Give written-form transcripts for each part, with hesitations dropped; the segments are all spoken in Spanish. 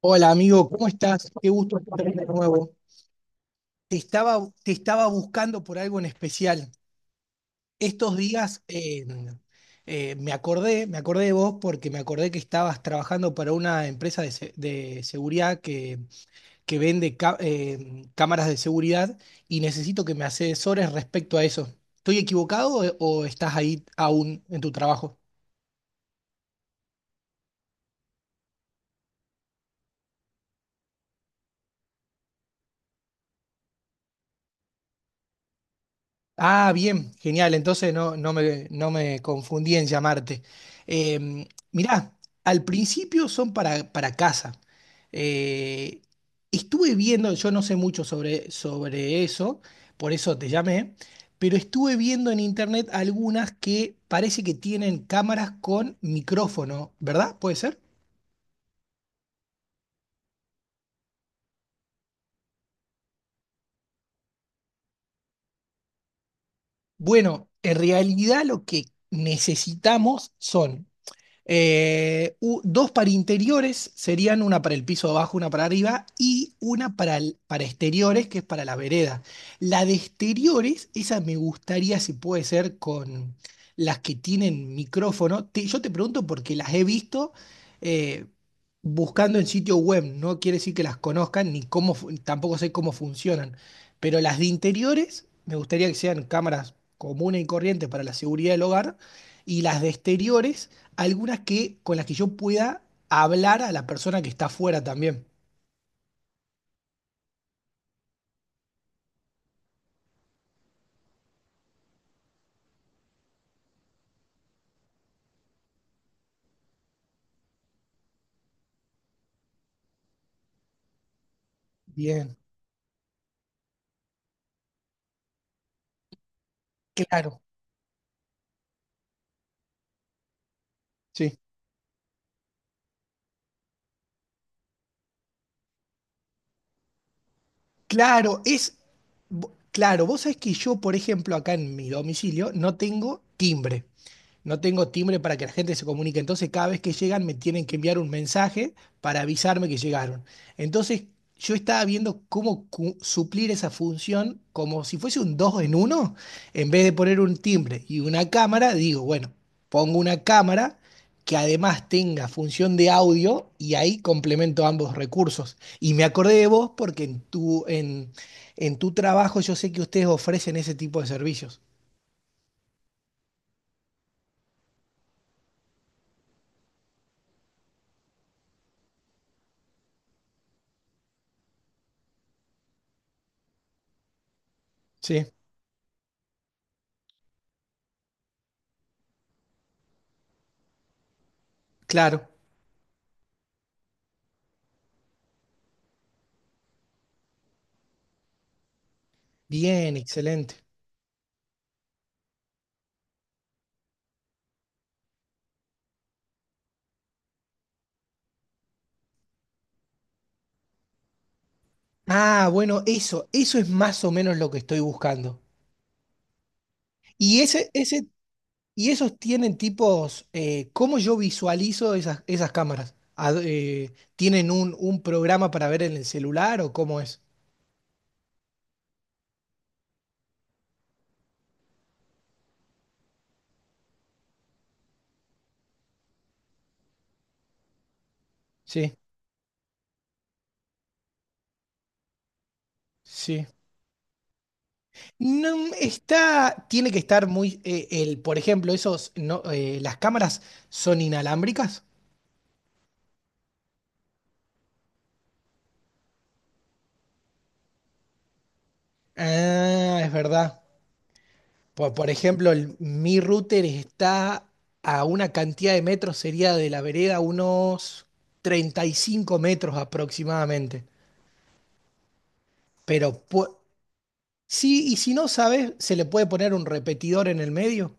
Hola amigo, ¿cómo estás? Qué gusto escucharte de nuevo. Te estaba buscando por algo en especial. Estos días me acordé de vos porque me acordé que estabas trabajando para una empresa de seguridad que vende cámaras de seguridad y necesito que me asesores respecto a eso. ¿Estoy equivocado o estás ahí aún en tu trabajo? Ah, bien, genial. Entonces no, no me confundí en llamarte. Mirá, al principio son para casa. Eh, estuve viendo, yo no sé mucho sobre eso, por eso te llamé, pero estuve viendo en internet algunas que parece que tienen cámaras con micrófono, ¿verdad? ¿Puede ser? Bueno, en realidad lo que necesitamos son dos para interiores serían una para el piso de abajo, una para arriba y una para exteriores, que es para la vereda. La de exteriores, esa me gustaría si puede ser con las que tienen micrófono. Yo te pregunto porque las he visto eh, buscando en sitio web, no quiere decir que las conozcan ni tampoco sé cómo funcionan, pero las de interiores me gustaría que sean cámaras comunes y corrientes para la seguridad del hogar. Y las de exteriores algunas que con las que yo pueda hablar a la persona que está afuera también. Bien, claro, sí. Claro, claro, vos sabés que yo, por ejemplo, acá en mi domicilio no tengo timbre. No tengo timbre para que la gente se comunique. Entonces, cada vez que llegan, me tienen que enviar un mensaje para avisarme que llegaron. Entonces, yo estaba viendo cómo suplir esa función como si fuese un dos en uno. En vez de poner un timbre y una cámara, digo, bueno, pongo una cámara que además tenga función de audio y ahí complemento ambos recursos. Y me acordé de vos porque en en tu trabajo yo sé que ustedes ofrecen ese tipo de servicios. Sí, claro. Bien, excelente. Ah, bueno, eso es más o menos lo que estoy buscando. Y ese, ese, y esos tienen tipos, ¿cómo yo visualizo esas cámaras? ¿Tienen un programa para ver en el celular o cómo es? Sí, sí. No, está, tiene que estar muy, por ejemplo, esos, no, las cámaras son inalámbricas. Ah, es verdad. Por ejemplo, mi router está a una cantidad de metros, sería de la vereda unos 35 metros aproximadamente. Pero pu- sí, y si no sabes, se le puede poner un repetidor en el medio.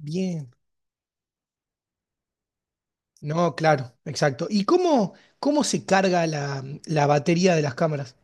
Bien. No, claro, exacto. ¿Y cómo se carga la batería de las cámaras?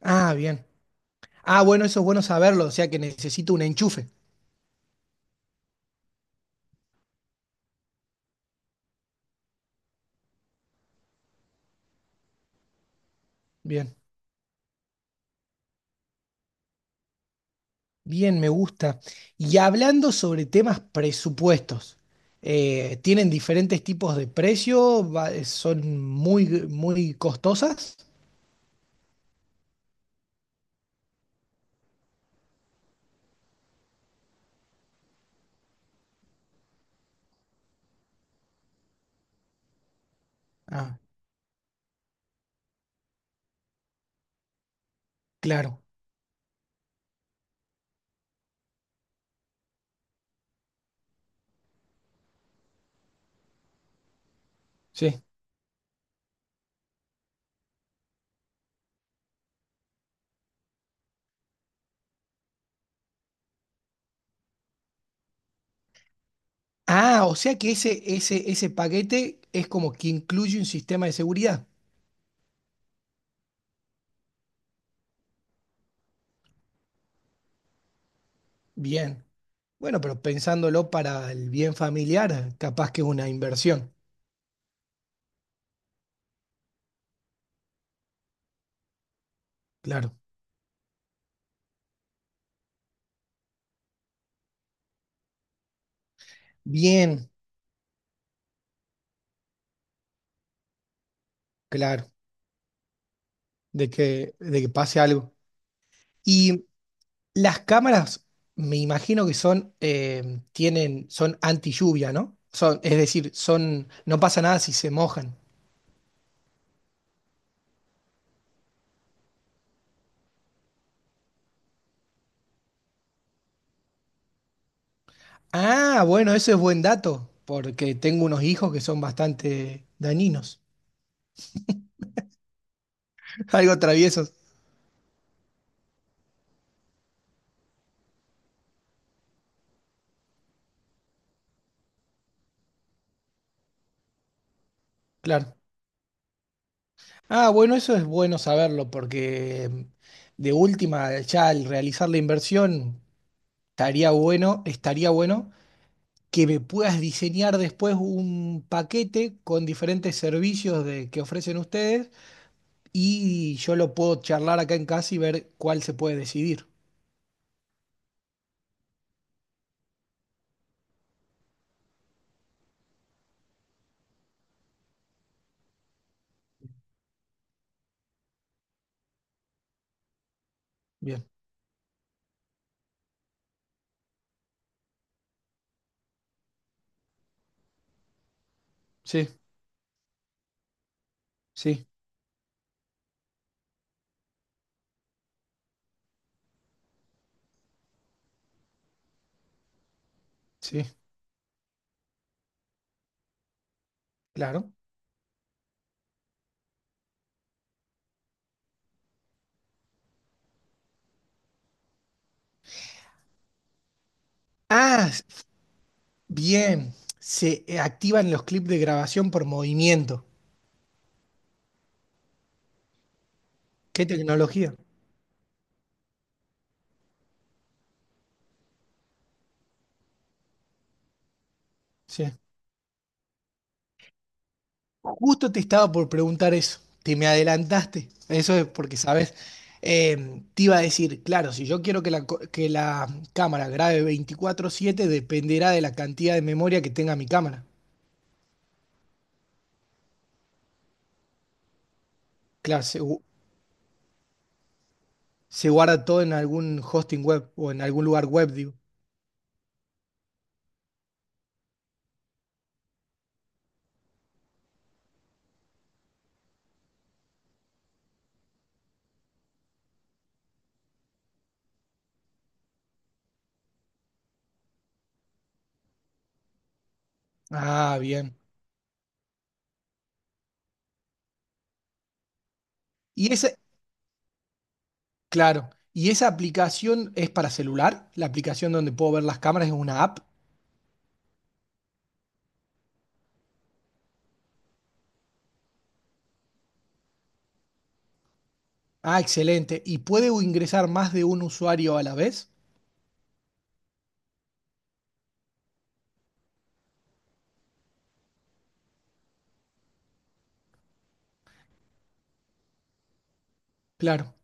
Ah, bien. Ah, bueno, eso es bueno saberlo, o sea que necesito un enchufe. Bien, bien, me gusta. Y hablando sobre temas presupuestos, ¿tienen diferentes tipos de precio? ¿Son muy costosas? Ah, claro, sí. Ah, o sea que ese paquete es como que incluye un sistema de seguridad. Bien. Bueno, pero pensándolo para el bien familiar, capaz que es una inversión. Claro. Bien, claro, de que pase algo. Y las cámaras, me imagino que son anti lluvia, ¿no? Son, es decir, son, no pasa nada si se mojan. Ah, bueno, eso es buen dato, porque tengo unos hijos que son bastante dañinos, algo traviesos, claro. Ah, bueno, eso es bueno saberlo, porque de última, ya al realizar la inversión, estaría bueno que me puedas diseñar después un paquete con diferentes servicios que ofrecen ustedes y yo lo puedo charlar acá en casa y ver cuál se puede decidir. Bien, sí, sí, sí, claro. Ah, s- Bien, se activan los clips de grabación por movimiento. ¿Qué tecnología? Sí. Justo te estaba por preguntar eso, te me adelantaste. Eso es porque, ¿sabes? Te iba a decir, claro, si yo quiero que la cámara grabe 24/7 dependerá de la cantidad de memoria que tenga mi cámara. Claro, se- Se guarda todo en algún hosting web o en algún lugar web, digo. Ah, bien. Y esa, claro. ¿Y esa aplicación es para celular? La aplicación donde puedo ver las cámaras es una app. Ah, excelente. ¿Y puede ingresar más de un usuario a la vez? Claro.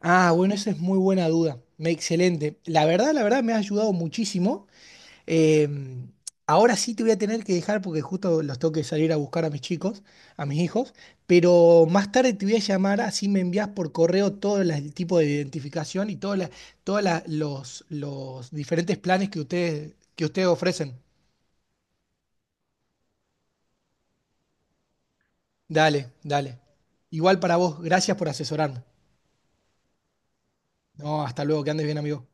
Ah, bueno, esa es muy buena duda. Excelente. La verdad, me ha ayudado muchísimo. Eh, ahora sí te voy a tener que dejar porque justo los tengo que salir a buscar a mis chicos, a mis hijos, pero más tarde te voy a llamar, así me envías por correo todo el tipo de identificación y todos los diferentes planes que que ustedes ofrecen. Dale, dale. Igual para vos, gracias por asesorarme. No, hasta luego, que andes bien, amigo.